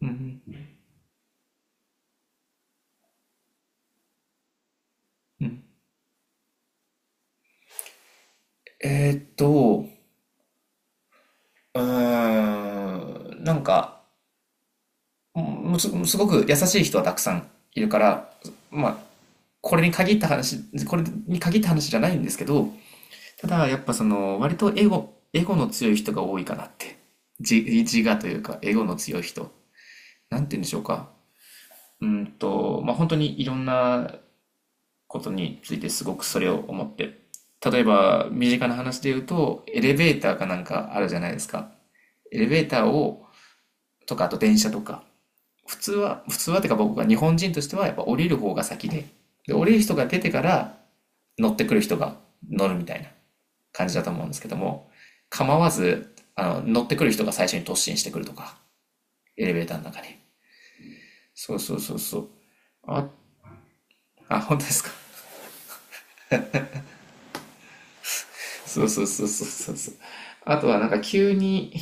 うん、うん。えーっと、うーん、なんか、もうす、すごく優しい人はたくさんいるから、まあ、これに限った話、これに限った話じゃないんですけど、ただやっぱその、割とエゴの強い人が多いかなって。自我というか、エゴの強い人。なんて言うんでしょうか。まあ、本当にいろんなことについてすごくそれを思って。例えば、身近な話で言うと、エレベーターかなんかあるじゃないですか。エレベーターを、とか、あと電車とか、普通はてか僕が日本人としてはやっぱ降りる方が先で、で、降りる人が出てから乗ってくる人が乗るみたいな感じだと思うんですけども、構わず、あの、乗ってくる人が最初に突進してくるとか、エレベーターの中に。そうそうそうそう。あ、あ、本当ですか。そうそうそうそうそうそう。あとはなんか急に、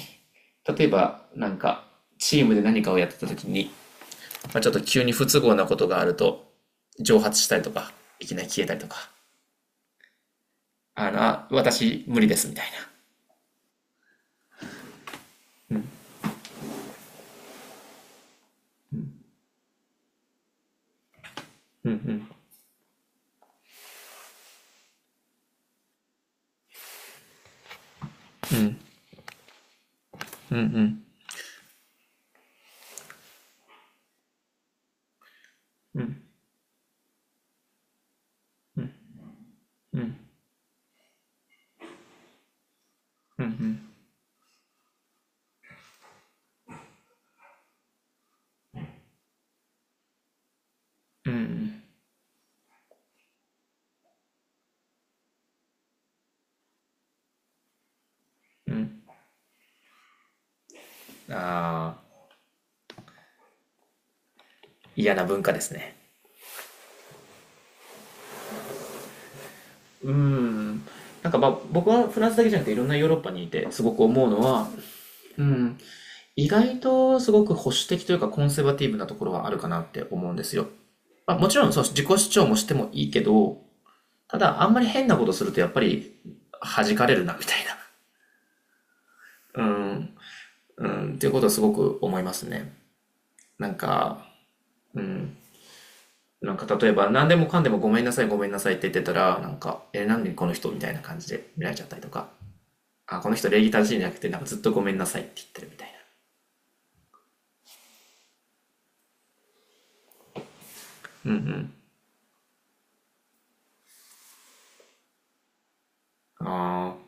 例えばなんかチームで何かをやってた時に、まあ、ちょっと急に不都合なことがあると、蒸発したりとか、いきなり消えたりとか、あの、あ、私無理ですみたいな。うん、うん、うん、うん、うん、うん、うん、うん、うん、うん、ああ、嫌な文化ですね。うん。なんかまあ僕はフランスだけじゃなくていろんなヨーロッパにいてすごく思うのは、うん、意外とすごく保守的というかコンセバティブなところはあるかなって思うんですよ。まあ、もちろんそう自己主張もしてもいいけど、ただ、あんまり変なことするとやっぱり弾かれるな、みたいな。うん、うん、っていうことはすごく思いますね。なんか、うん、なんか例えば何でもかんでもごめんなさい、ごめんなさいって言ってたら、なんか、え、なんでこの人みたいな感じで見られちゃったりとか、あ、この人礼儀正しいんじゃなくて、なんかずっとごめんなさいって言ってるみたいな。あ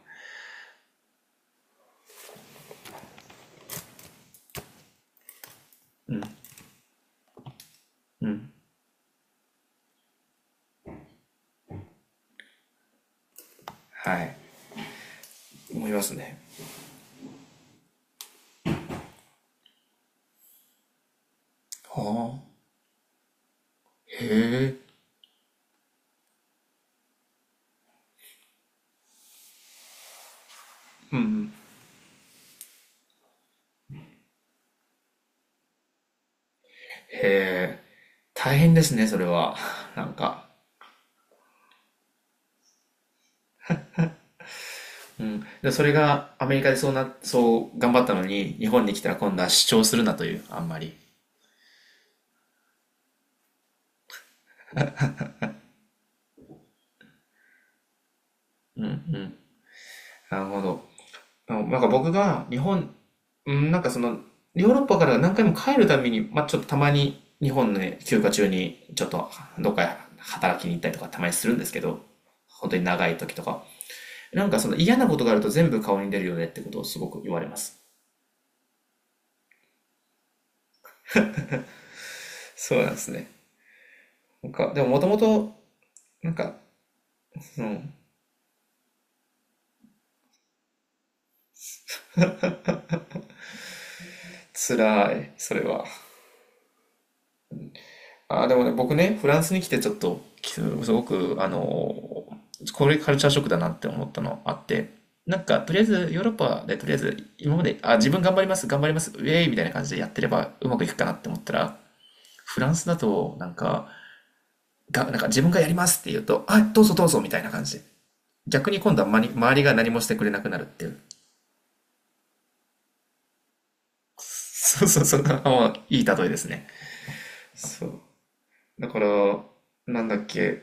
あ、はい。思いますね。はあ、へえ、うん。へえ、大変ですね、それは。なんか。うん。で、それがアメリカでそうな、そう頑張ったのに、日本に来たら今度は主張するなという、あんまり。うんうん。なるほど。あのなんか僕が日本、うん、なんかその、ヨーロッパから何回も帰るたびに、まあ、ちょっとたまに日本の休暇中に、ちょっとどっか働きに行ったりとかたまにするんですけど、本当に長い時とか。なんかその嫌なことがあると全部顔に出るよねってことをすごく言われます。そうなんですね。なんか、でももともと、なんか、うん、辛い、それは。あー、でもね、僕ね、フランスに来てちょっと、すごく、ーこれカルチャーショックだなって思ったのあって、なんか、とりあえず、ヨーロッパで、とりあえず、今まで、あ、自分頑張ります、頑張ります、ウェイみたいな感じでやってればうまくいくかなって思ったら、フランスだと、なんか、なんか自分がやりますって言うと、あ、どうぞどうぞみたいな感じで。逆に今度はまに周りが何もしてくれなくなるっていう。そうそうそう、あいい例えですね。そう。だから、なんだっけ、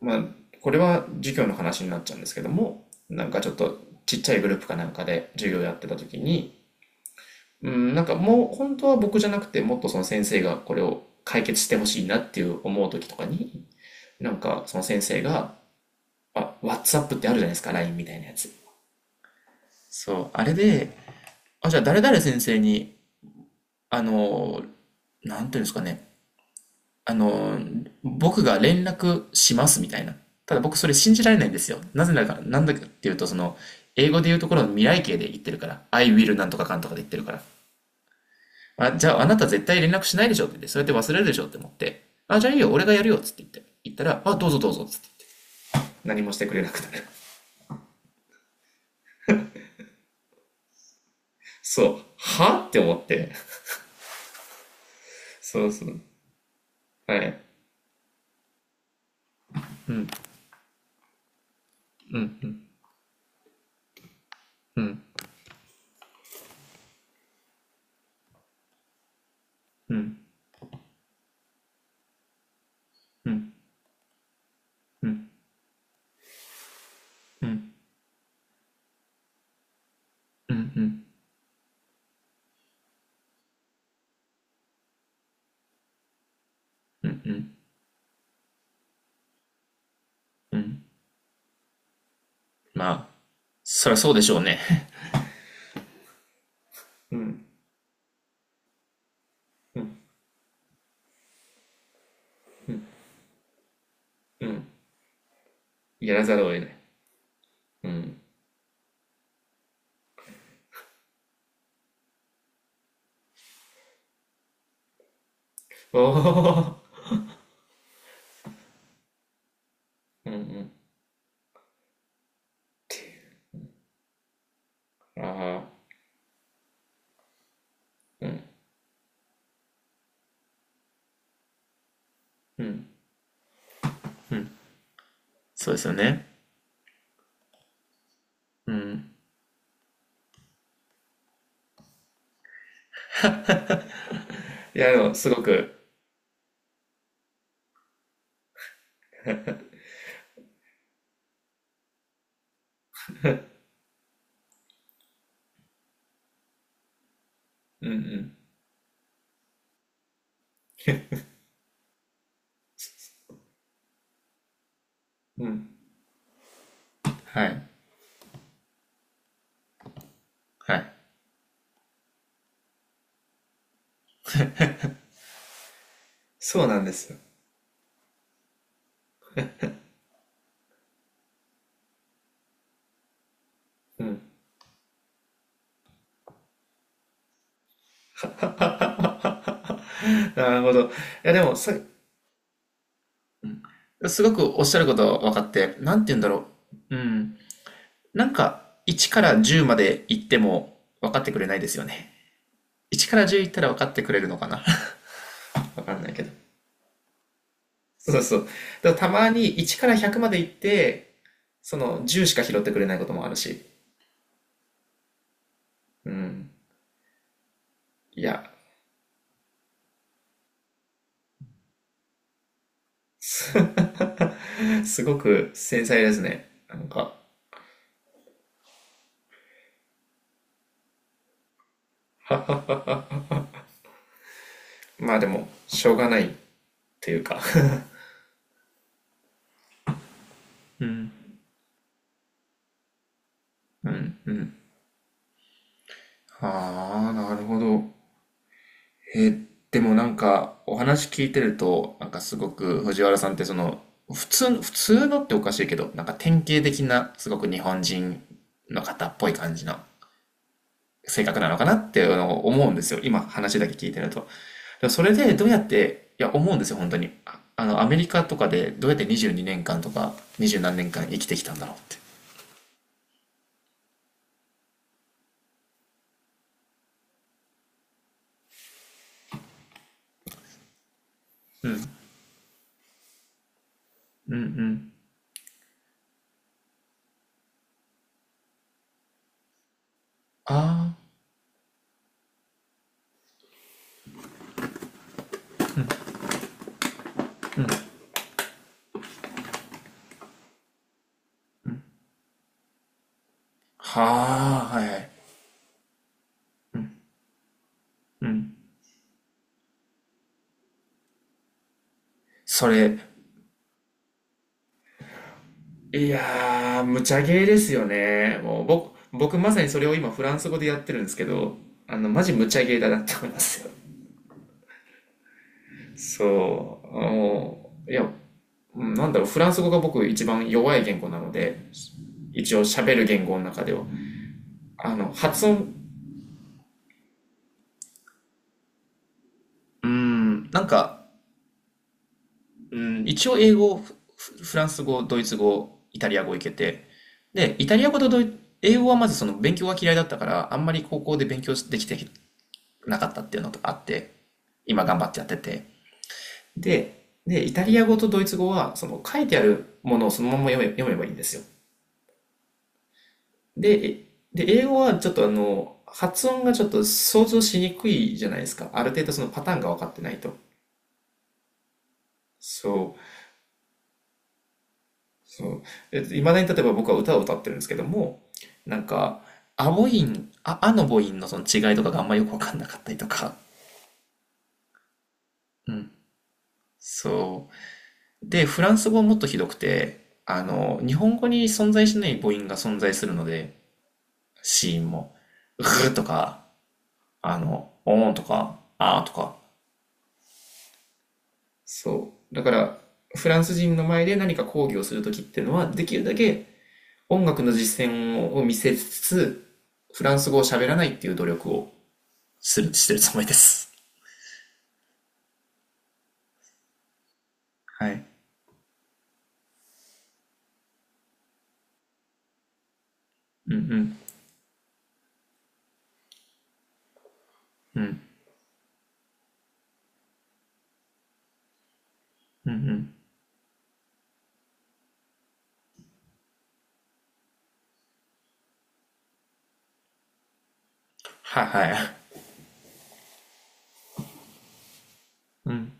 まあ、これは授業の話になっちゃうんですけども、なんかちょっとちっちゃいグループかなんかで授業やってた時に、うん、なんかもう本当は僕じゃなくて、もっとその先生がこれを解決してほしいなっていう思う時とかに、なんかその先生が、あ、WhatsApp ってあるじゃないですか、LINE みたいなやつ。そう、あれで、あ、じゃあ誰々先生に、あの、なんていうんですかね、あの、僕が連絡しますみたいな。ただ僕それ信じられないんですよ。なぜなら、なんだかっていうと、その、英語で言うところの未来形で言ってるから。I will なんとかかんとかで言ってるから。あ、じゃああなた絶対連絡しないでしょって言って、そうやって忘れるでしょって思って、あ、じゃあいいよ、俺がやるよっつって言って、言ったら、あ、どうぞどうぞっつって。何もしてくれなくなる。そう。はって思って。そうそう。はい。うん、うん、うん、うん、うん、うん、うん、うん、うん、うん。まあ、そりゃそうでしょうね。うん、うん、うん。やらざるを得ない。うん。おお、うんうん。ああ、うん、うん、うん。そうですよね。うん。いや、でも、すごく、うんうん、うん。はい、はい。そうなんですよ。うん。なるほど。いや、でも、さ、うん、すごくおっしゃること分かって、なんて言うんだろう。うん。なんか、1から10まで行っても分かってくれないですよね。1から10行ったら分かってくれるのかな 分かんないけど。そうそう。だからたまに1から100まで行って、その10しか拾ってくれないこともあるし。うん。いや、す すごく繊細ですね。なんか、まあでも、しょうがないっていうか うん。うん。うん。ああ、なるほど。でもなんか、お話聞いてると、なんかすごく藤原さんってその、普通の、普通のっておかしいけど、なんか典型的な、すごく日本人の方っぽい感じの性格なのかなっていうのを思うんですよ。今話だけ聞いてると。でもそれでどうやって、いや、思うんですよ、本当に。アメリカとかでどうやって22年間とか20何年間生きてきたんだろうって。うんうん。ああ、はあ、はいはい。うん。それ、いやー、無茶ゲーですよね。もう、僕まさにそれを今フランス語でやってるんですけど、あの、マジ無茶ゲーだなって思いますよ。そう、もういや、うんなんだろう、フランス語が僕一番弱い言語なので、一応喋る言語の中では。あの、発音、うーん、なんか、うん、一応英語、フランス語、ドイツ語、イタリア語いけて、で、イタリア語と英語はまずその勉強が嫌いだったから、あんまり高校で勉強できてなかったっていうのとかあって、今頑張ってやってて。で、イタリア語とドイツ語は、その書いてあるものをそのまま読めばいいんですよ。で、英語はちょっとあの、発音がちょっと想像しにくいじゃないですか。ある程度そのパターンが分かってないと。そうそう。いまだに例えば僕は歌を歌ってるんですけども、なんか、ア母音、あ、あの母音のその違いとかがあんまよくわかんなかったりとか。うん。そう。で、フランス語はもっとひどくて、あの、日本語に存在しない母音が存在するので、子音も。うーとか、あの、おーんとか、あーとか。そう。だから、フランス人の前で何か講義をするときっていうのは、できるだけ音楽の実践を見せつつ、フランス語を喋らないっていう努力をしてるつもりです。はい。うんうん、うん、うんうん。はいはい。うん、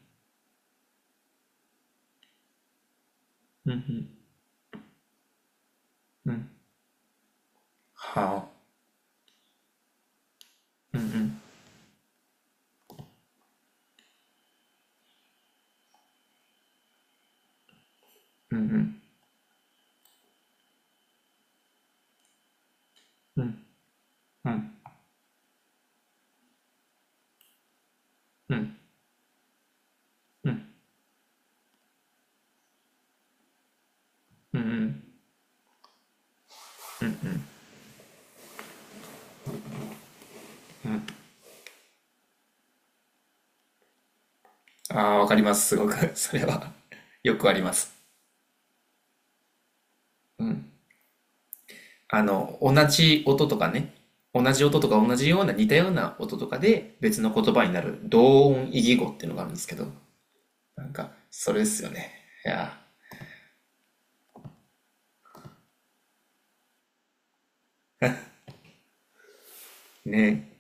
うん、うん、うん。はあ、うんうん、うん、うん、うん、うん、うんうん。ああ、わかります、すごく。それは よくあります。うん。あの、同じ音とかね。同じ音とか同じような似たような音とかで別の言葉になる同音異義語っていうのがあるんですけど、なんか、それですよね。いやー、ね、